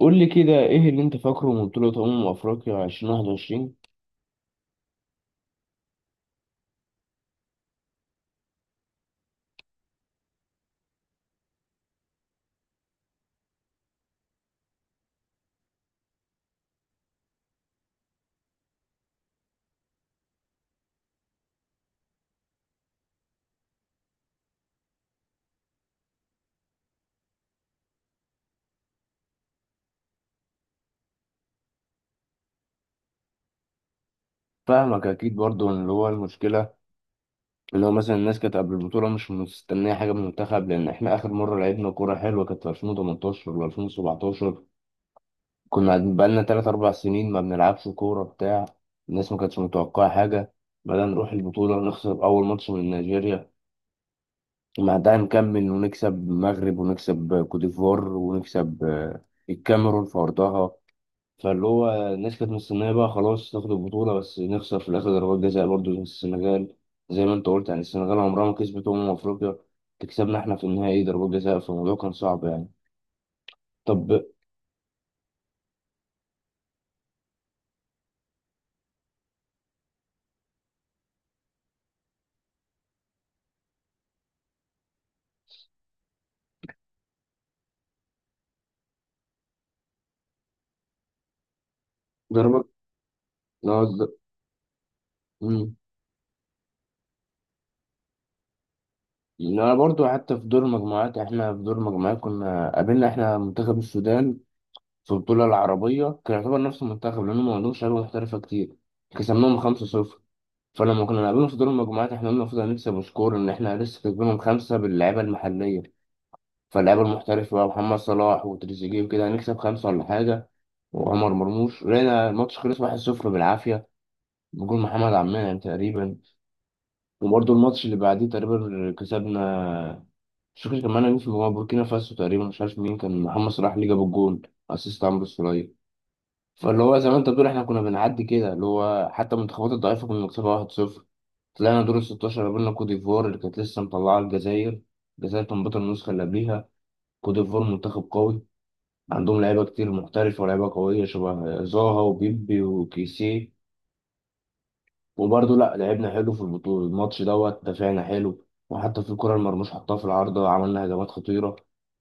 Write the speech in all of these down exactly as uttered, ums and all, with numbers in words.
قول لي كده ايه اللي انت فاكره من بطولة أمم أفريقيا ألفين وواحد وعشرين؟ فاهمك أكيد برضو. إن اللي هو المشكلة اللي هو مثلا الناس كانت قبل البطولة مش مستنية حاجة من المنتخب، لأن إحنا آخر مرة لعبنا كورة حلوة كانت في ألفين وتمنتاشر ولا ألفين وسبعتاشر. كنا قاعدين بقالنا تلات أربع سنين ما بنلعبش كورة بتاع. الناس ما كانتش متوقعة حاجة. بدأنا نروح البطولة نخسر أول ماتش من نيجيريا، ومع ده نكمل ونكسب المغرب ونكسب كوت ديفوار ونكسب آه، الكاميرون في أرضها. فاللي هو الناس كانت مستنية بقى خلاص ناخد البطولة، بس نخسر في الآخر ضربات جزاء برضه زي السنغال. زي ما أنت قلت، يعني السنغال عمرها ما كسبت أمم أفريقيا، تكسبنا إحنا في النهائي ضربات جزاء. فالموضوع كان صعب يعني. طب ضربات، لا، ض- مم. أنا برضه حتى في دور المجموعات، إحنا في دور المجموعات كنا قابلنا إحنا منتخب السودان في البطولة العربية، كان يعتبر نفس المنتخب لأنهم ما عندهمش لعيبة محترفة كتير. كسبناهم خمسة صفر. فلما كنا نقابلهم في دور المجموعات، إحنا قلنا المفروض هنكسب وسكور، إن إحنا لسه كسبانهم خمسة باللعيبة المحلية، فاللعيبه المحترفه بقى محمد صلاح وتريزيجيه وكده هنكسب خمسه ولا حاجه. وعمر مرموش لقينا الماتش خلص واحد صفر بالعافيه، بجول محمد عمان يعني تقريبا. وبرده الماتش اللي بعديه تقريبا كسبنا، مش فاكر كمان مين، في مجموعة بوركينا فاسو تقريبا، مش عارف مين كان. محمد صلاح اللي جاب الجول، اسيست عمرو السولية. فاللي هو زي ما انت بتقول، احنا كنا بنعدي كده، اللي هو حتى المنتخبات الضعيفه كنا بنكسبها واحد صفر. طلعنا دور ال ستة عشر، قابلنا كوت ديفوار اللي كانت لسه مطلعه الجزائر. الجزائر كان بطل النسخه اللي قبليها. كوت ديفوار منتخب قوي، عندهم لعيبة كتير محترفة ولاعيبة قوية شبه زاها وبيبي وكيسيه. وبرضه لأ، لعبنا حلو في البطولة. الماتش دوت دافعنا حلو، وحتى في الكرة المرموش حطها في العارضة، عملنا هجمات خطيرة.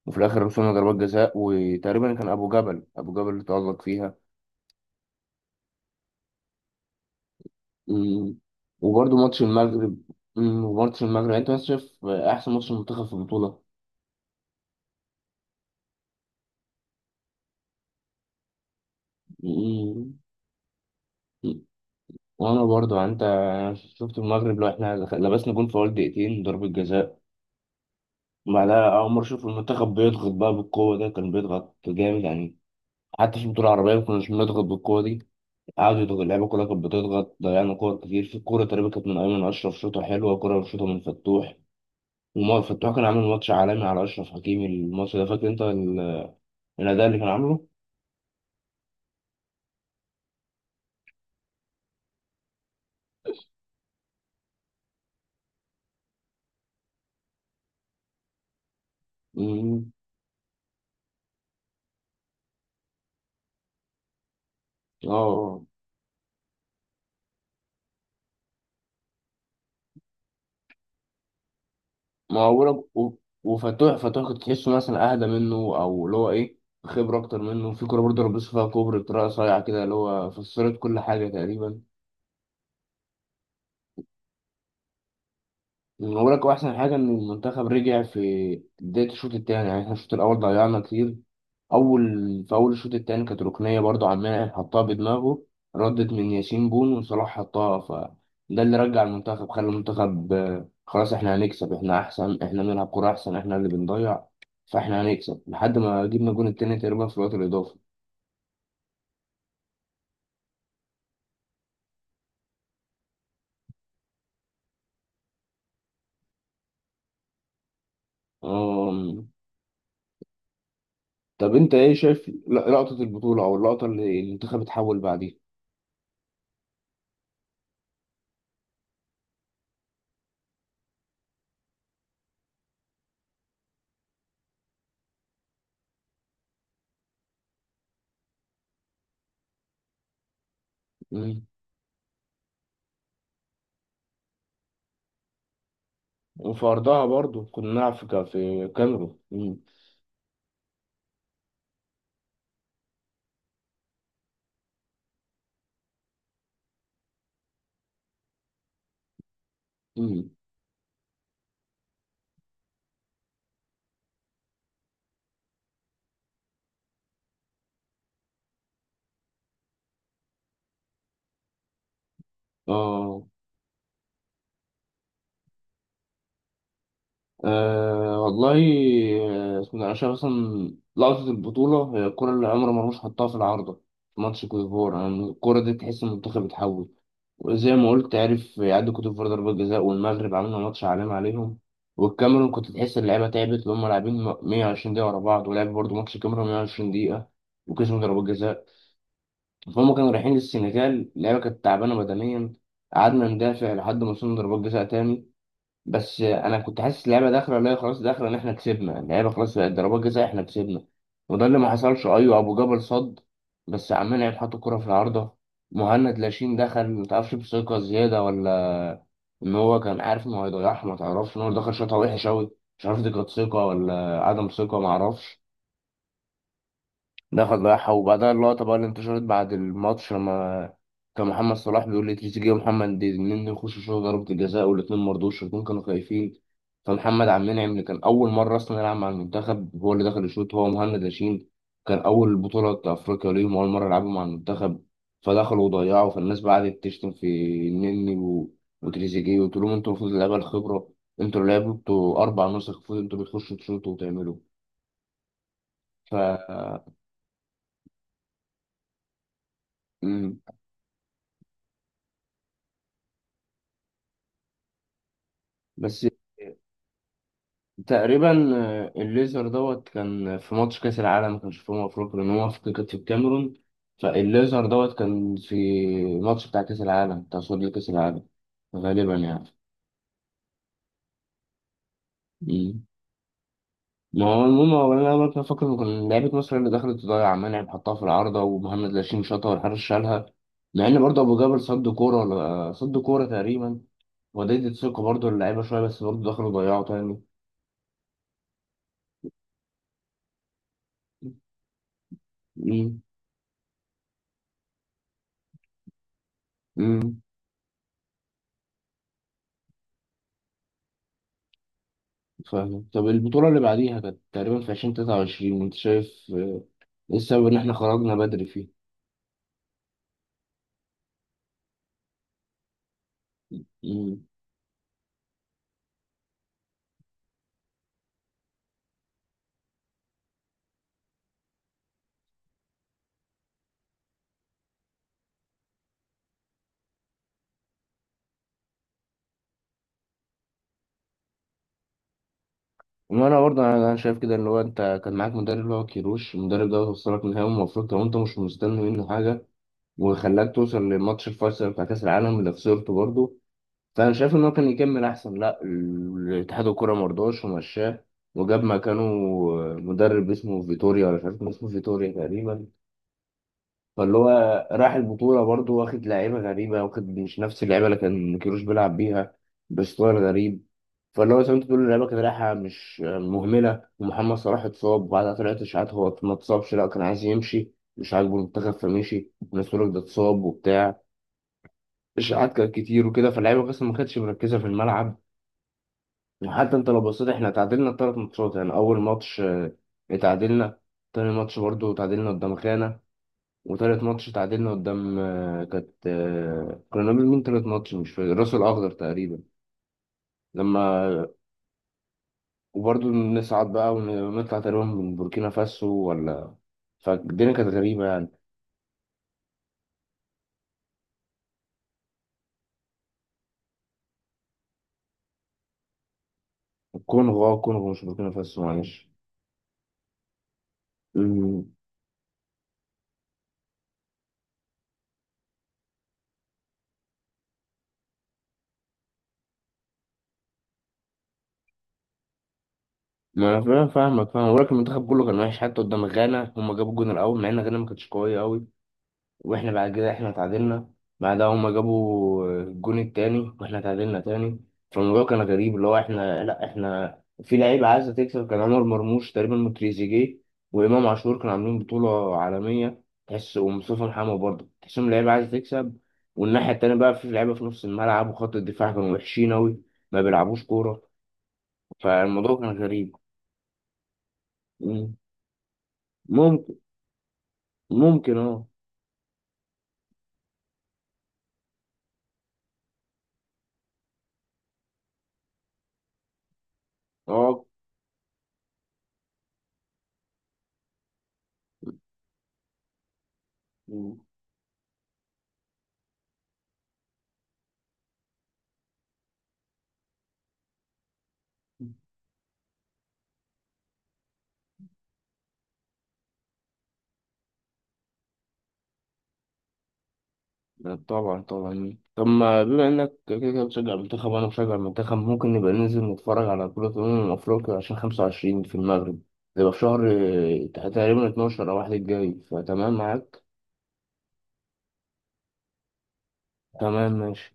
وفي الآخر وصلنا ضربات جزاء، وتقريبا كان أبو جبل، أبو جبل اللي تألق فيها. أمم. وبرضه ماتش المغرب. أمم، وماتش المغرب يعني أنت بس شايف أحسن ماتش منتخب في البطولة. أمم. وأنا برضه يعني أنت شفت المغرب، لو إحنا لبسنا جون في أول دقيقتين ضربة جزاء. ما ده أول مرة أشوف المنتخب بيضغط بقى بالقوة ده، كان بيضغط جامد يعني. حتى في البطولة العربية ما كناش بنضغط بالقوة دي. قعدوا يضغطوا، اللعيبة كلها كانت بتضغط، ضيعنا كور كتير. في كورة تقريبا كانت من أيمن أشرف شوطة حلوة، وكورة من شوطة من فتوح. وما فتوح كان عامل ماتش عالمي على أشرف حكيمي. الماتش ده فاكر أنت ال- الأداء اللي كان عامله؟ أمم. آه آه. ما هو بقولك و- وفتوح، فتوح كنت تحسه مثلا أهدى منه، أو اللي هو إيه، خبرة أكتر منه. في كورة برضه لبسه فيها كوبري بطريقة صايعة كده، اللي هو فسرت كل حاجة تقريبا. أنا بقول لك، هو احسن حاجه ان المنتخب رجع في بدايه الشوط الثاني. يعني احنا الشوط الاول ضيعنا كتير. اول في اول الشوط الثاني كانت ركنيه برضو، عمال يعني حطها بدماغه، ردت من ياسين بون وصلاح حطها. فده اللي رجع المنتخب، خلى المنتخب آه، خلاص احنا هنكسب، احنا احسن، احنا بنلعب كوره احسن، احنا اللي بنضيع. فاحنا هنكسب لحد ما جبنا الجون التاني تقريبا في الوقت الاضافي. آم، طب انت ايه شايف لقطه البطوله او اللقطه اللي المنتخب اتحول بعديها؟ وفي أرضها برضو كنا نلعب في كا- في كاميرون. مم. مم. آه. آه والله. آه، اسمه ده، أنا شايف أصلا لقطة البطولة هي الكرة اللي عمر مرموش حطها في العارضة في ماتش كوت ديفوار. يعني الكرة دي تحس إن المنتخب اتحول، وزي ما قلت عرف يعدي كوت ديفوار ضربة جزاء، والمغرب عملنا ماتش عالمي عليهم. والكاميرون كنت تحس اللعيبة تعبت، اللي هم لاعبين مية وعشرين دقيقة ورا بعض، ولعب برضو ماتش الكاميرون مية وعشرين دقيقة وكسبوا ضربات جزاء. فهم كانوا رايحين للسنغال، اللعبة كانت تعبانة بدنيا. قعدنا ندافع لحد ما وصلنا ضربات جزاء تاني. بس أنا كنت حاسس اللعبة داخلة، لا خلاص داخلة، إن إحنا كسبنا اللعبة، خلاص بقت ضربات جزاء، إحنا كسبنا. وده اللي ما حصلش. أيوة أبو جبل صد، بس عمال يلعب حط الكرة في العارضة. مهند لاشين دخل متعرفش بثقة زيادة، ولا إن هو كان عارف إنه هيضيعها متعرفش، إن هو دخل شوطة وحشة أوي. مش عارف دي كانت ثقة ولا عدم ثقة، معرفش. دخل راح. وبعدها اللقطة بقى اللي انتشرت بعد الماتش، لما كان محمد صلاح بيقول لتريزيجيه ومحمد دي الاتنين يخشوا يشوطوا ضربة الجزاء، والاتنين مرضوش، الاتنين كانوا خايفين. فمحمد عبد المنعم اللي كان أول مرة أصلا يلعب مع المنتخب، هو اللي دخل يشوط هو ومهند لاشين. كان أول بطولة أفريقيا ليهم، أول مرة يلعبوا مع المنتخب. فدخلوا وضيعوا. فالناس بقى قعدت تشتم في النني و- وتريزيجيه، وتقول لهم انتوا المفروض اللعيبة الخبرة، انتوا اللي لعبتوا أربع نسخ، المفروض انتوا بتخشوا تشوطوا وتعملوا. ف مم. بس تقريبا آه، الليزر دوت كان في ماتش كأس العالم، كان في أمم أفريقيا لأن هو في- كانت في الكاميرون. فالليزر دوت كان في ماتش بتاع كأس العالم، بتاع صعود لكأس العالم غالبا يعني. مم. ما هو المهم، هو أنا لما كنت فاكر إن كان لعيبة مصر اللي دخلت تضيع، منعم حطها في العارضة، ومهند لاشين شاطها والحارس شالها. مع إن برضه أبو جابر صد كورة ولا صد كورة تقريبا، وديت ثقة برضه اللعيبة شوية، بس برضه دخلوا ضيعوا تاني. مم. مم. فاهم. طب البطولة اللي بعديها كانت تقريبا في عشرين تلاتة وعشرين، أنت شايف آه، إيه السبب إن إحنا خرجنا بدري فيه؟ مم. وأنا برضه، أنا أنا شايف كده إن هو أنت كان معاك مدرب اللي هو كيروش. المدرب ده وصلك نهائي، المفروض لو أنت مش مستني منه حاجة، وخلاك توصل لماتش الفيصل بتاع كأس العالم اللي خسرته برضه. فأنا شايف إن هو كان يكمل أحسن، لأ ال- الاتحاد الكورة مرضاش ومشاه، وجاب مكانه آه، مدرب اسمه فيتوريا، ولا مش عارف كان اسمه فيتوريا تقريبا. فاللي هو راح البطولة برضه واخد لعيبة غريبة، واخد مش نفس اللعيبة اللي كان كيروش بيلعب بيها، بستايل غريب. فاللي هو زي ما انت بتقول، اللعيبة كانت رايحة مش مهملة، ومحمد صلاح اتصاب، وبعدها طلعت اشاعات هو ما اتصابش، لا كان عايز يمشي، مش عاجبه المنتخب فمشي. وناس تقول لك ده اتصاب وبتاع. اشاعات كانت كتير وكده، فاللعيبة اصلا ما كانتش مركزة في الملعب. وحتى انت لو بصيت، احنا تعادلنا ثلاث ماتشات. يعني اول ماتش اه، اتعادلنا، تاني ماتش برضه تعادلنا قدام خانة، وتالت ماتش تعادلنا قدام آه، كانت آه، كنا بنقابل مين تالت ماتش؟ مش فاكر، الراس الأخضر تقريبا. لما وبرضه نصعد بقى ونطلع تقريبا من بوركينا فاسو ولا. فالدنيا كانت غريبة يعني. الكونغو، اه الكونغو مش بوركينا فاسو، معلش. أمم، ما أنا فاهم- فاهمك فاهم، ولكن المنتخب كله كان وحش حتى قدام غانا. هما جابوا الجون الأول مع إن غانا ما كانتش قوية أوي، واحنا بعد كده احنا اتعادلنا. بعدها هما جابوا الجون التاني واحنا اتعادلنا تاني. فالموضوع كان غريب، اللي هو احنا لا احنا في لعيبة عايزة تكسب، كان عمر مرموش تقريبا وتريزيجيه وإمام عاشور كانوا عاملين بطولة عالمية تحس، ومصطفى محمد برضه تحسهم لعيبة عايزة تكسب. والناحية التانية بقى في لعيبة في نص الملعب وخط الدفاع كانوا وحشين أوي، ما بيلعبوش كورة. فالموضوع كان غريب. مم. ممكن، ممكن اه. اه، لا طبعا طبعا. طب ما بما انك كده كده بتشجع المنتخب وانا بشجع المنتخب، ممكن نبقى ننزل نتفرج على بطولة أمم أفريقيا عشان خمسة وعشرين في المغرب. تبقى في شهر آه، تقريبا اتناشر أو واحد الجاي. فتمام معاك؟ تمام ماشي.